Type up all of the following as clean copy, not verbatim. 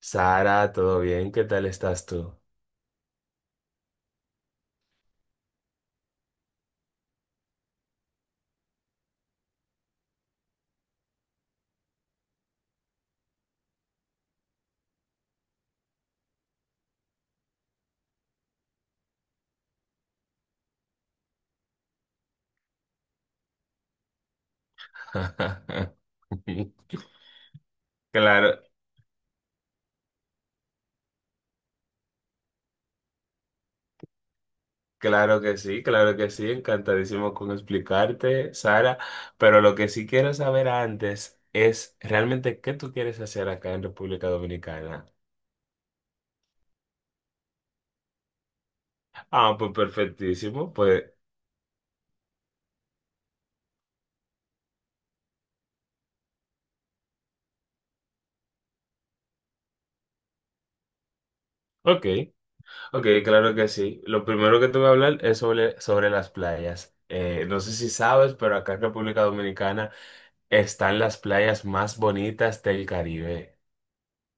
Sara, ¿todo bien? ¿Qué tal estás tú? Claro, claro que sí, encantadísimo con explicarte, Sara, pero lo que sí quiero saber antes es realmente qué tú quieres hacer acá en República Dominicana. Ah, pues perfectísimo, pues, ok, ok, claro que sí. Lo primero que te voy a hablar es sobre las playas. No sé si sabes, pero acá en República Dominicana están las playas más bonitas del Caribe.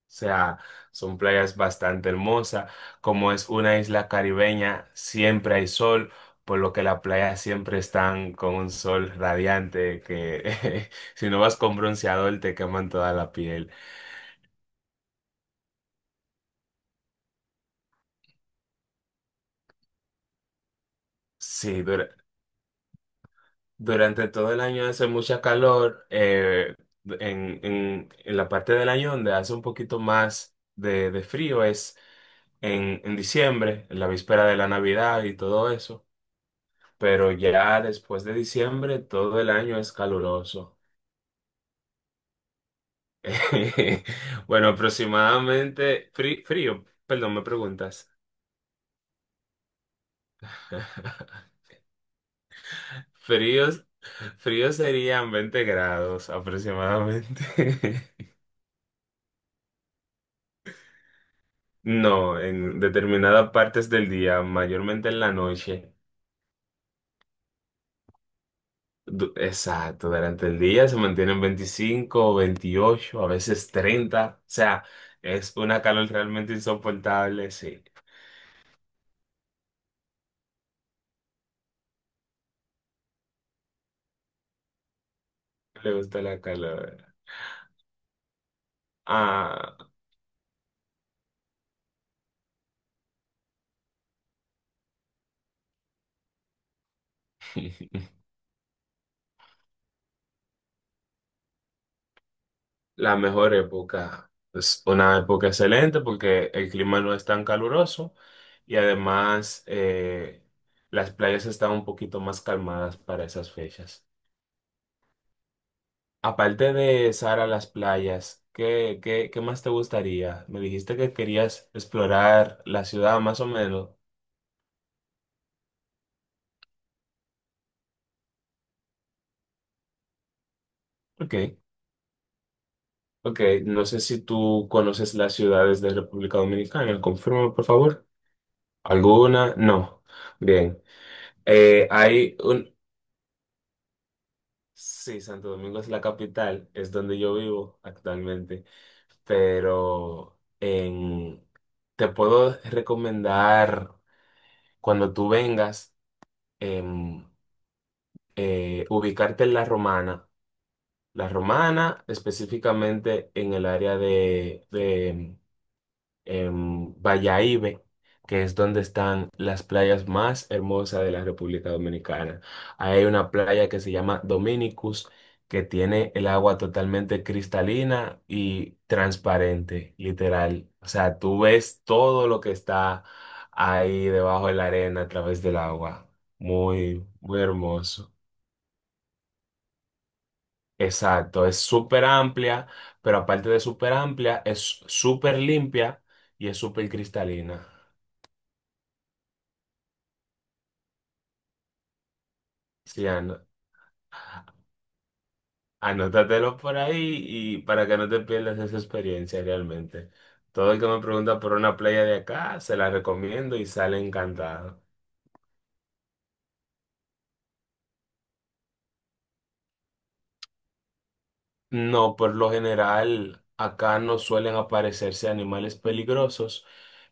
O sea, son playas bastante hermosas. Como es una isla caribeña, siempre hay sol, por lo que las playas siempre están con un sol radiante que si no vas con bronceador te queman toda la piel. Sí, durante todo el año hace mucha calor. En la parte del año donde hace un poquito más de frío es en diciembre, en la víspera de la Navidad y todo eso. Pero ya después de diciembre todo el año es caluroso. Bueno, aproximadamente frío, perdón, me preguntas. Fríos, fríos serían 20 grados aproximadamente. No, en determinadas partes del día, mayormente en la noche. Exacto, durante el día se mantienen 25 28 a veces 30. O sea, es una calor realmente insoportable, sí. Le gusta la calor. Ah, la mejor época. Es una época excelente porque el clima no es tan caluroso y además las playas están un poquito más calmadas para esas fechas. Aparte de Sara, las playas, ¿qué más te gustaría? Me dijiste que querías explorar la ciudad más o menos. Ok, ok. No sé si tú conoces las ciudades de República Dominicana. Confírmame, por favor. ¿Alguna? No. Bien. Eh, hay un, Sí, Santo Domingo es la capital, es donde yo vivo actualmente, pero te puedo recomendar cuando tú vengas em, ubicarte en La Romana. La Romana, específicamente en el área de, en Bayahibe, que es donde están las playas más hermosas de la República Dominicana. Ahí hay una playa que se llama Dominicus, que tiene el agua totalmente cristalina y transparente, literal. O sea, tú ves todo lo que está ahí debajo de la arena a través del agua. Muy, muy hermoso. Exacto, es súper amplia, pero aparte de súper amplia, es súper limpia y es súper cristalina. Sí, Ana. Anótatelo por ahí y para que no te pierdas esa experiencia realmente. Todo el que me pregunta por una playa de acá, se la recomiendo y sale encantado. No, por lo general acá no suelen aparecerse animales peligrosos,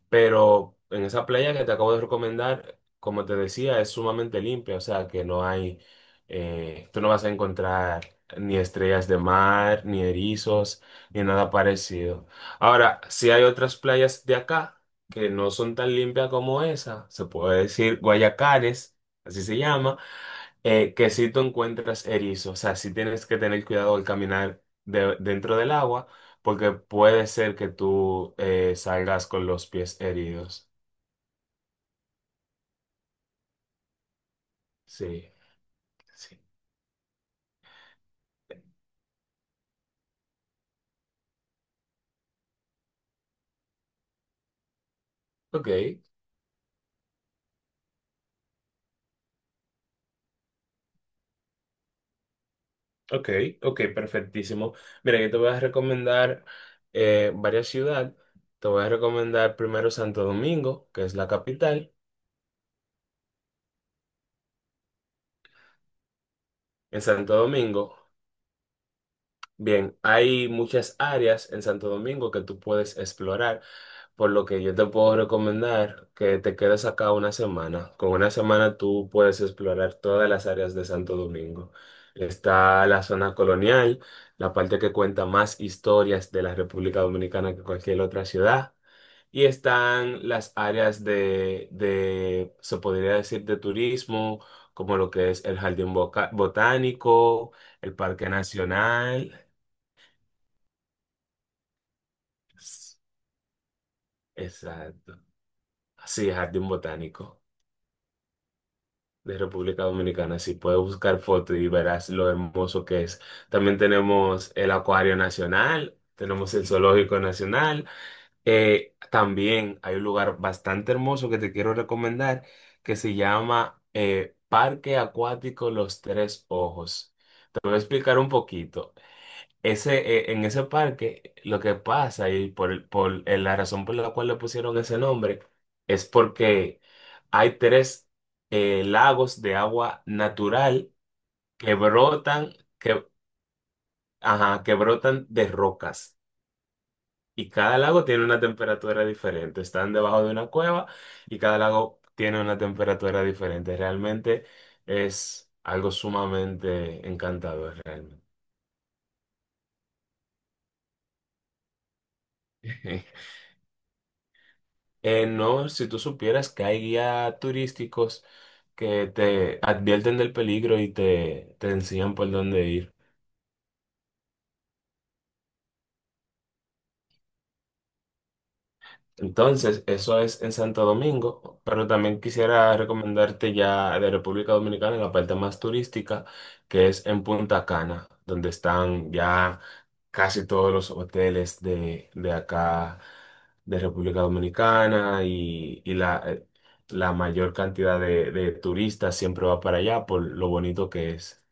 pero en esa playa que te acabo de recomendar, como te decía, es sumamente limpia, o sea que no hay, tú no vas a encontrar ni estrellas de mar, ni erizos, ni nada parecido. Ahora, si hay otras playas de acá que no son tan limpias como esa, se puede decir Guayacares, así se llama. Que si tú encuentras erizos, o sea, si tienes que tener cuidado al caminar dentro del agua, porque puede ser que tú salgas con los pies heridos. Sí, sí. Ok, ok, ok, perfectísimo. Mira, yo te voy a recomendar varias ciudades. Te voy a recomendar primero Santo Domingo, que es la capital. En Santo Domingo. Bien, hay muchas áreas en Santo Domingo que tú puedes explorar, por lo que yo te puedo recomendar que te quedes acá una semana. Con una semana tú puedes explorar todas las áreas de Santo Domingo. Está la zona colonial, la parte que cuenta más historias de la República Dominicana que cualquier otra ciudad. Y están las áreas se podría decir, de turismo, como lo que es el Jardín Botánico, el Parque Nacional. S- Exacto. Sí, Jardín Botánico de República Dominicana. Sí, puedes buscar fotos y verás lo hermoso que es. También tenemos el Acuario Nacional, tenemos el Zoológico Nacional. También hay un lugar bastante hermoso que te quiero recomendar que se llama Parque Acuático Los Tres Ojos. Te voy a explicar un poquito. Ese, en ese parque, lo que pasa y por la razón por la cual le pusieron ese nombre es porque hay tres lagos de agua natural que brotan, que, ajá, que brotan de rocas. Y cada lago tiene una temperatura diferente. Están debajo de una cueva y cada lago tiene una temperatura diferente. Realmente es algo sumamente encantador, realmente. No, si tú supieras que hay guías turísticos que te advierten del peligro y te enseñan por dónde ir. Entonces, eso es en Santo Domingo, pero también quisiera recomendarte ya de República Dominicana la parte más turística, que es en Punta Cana, donde están ya casi todos los hoteles de acá, de República Dominicana, y la mayor cantidad de turistas siempre va para allá por lo bonito que es.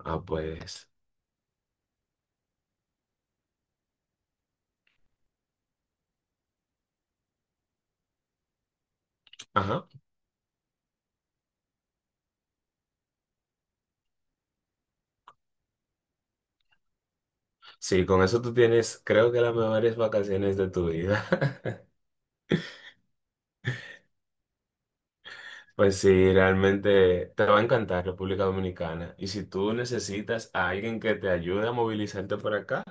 Ah, pues, ajá. Sí, con eso tú tienes, creo que las mejores vacaciones de tu vida. Pues sí, realmente te va a encantar República Dominicana. Y si tú necesitas a alguien que te ayude a movilizarte por acá,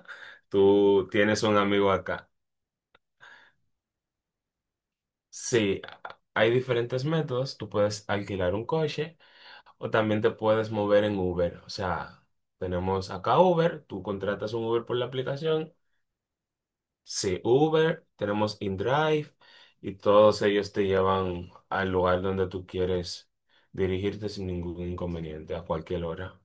tú tienes un amigo acá. Sí, hay diferentes métodos. Tú puedes alquilar un coche o también te puedes mover en Uber. O sea, tenemos acá Uber, tú contratas un Uber por la aplicación. Sí, Uber, tenemos InDrive y todos ellos te llevan al lugar donde tú quieres dirigirte sin ningún inconveniente a cualquier hora.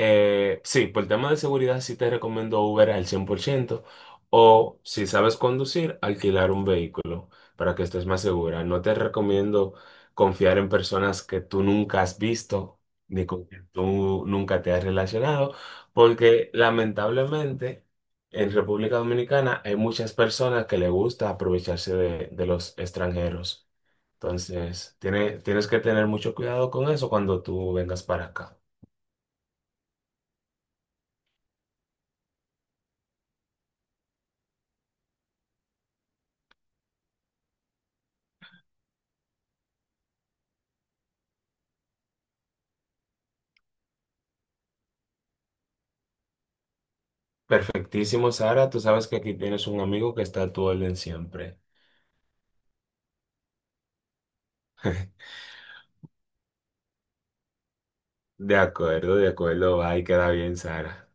Sí, por el tema de seguridad sí te recomiendo Uber al 100% o si sabes conducir, alquilar un vehículo para que estés más segura. No te recomiendo confiar en personas que tú nunca has visto ni con que tú nunca te has relacionado, porque lamentablemente en República Dominicana hay muchas personas que le gusta aprovecharse de los extranjeros. Entonces, tienes que tener mucho cuidado con eso cuando tú vengas para acá. Perfectísimo, Sara. Tú sabes que aquí tienes un amigo que está a tu orden siempre. De acuerdo, va y queda bien, Sara.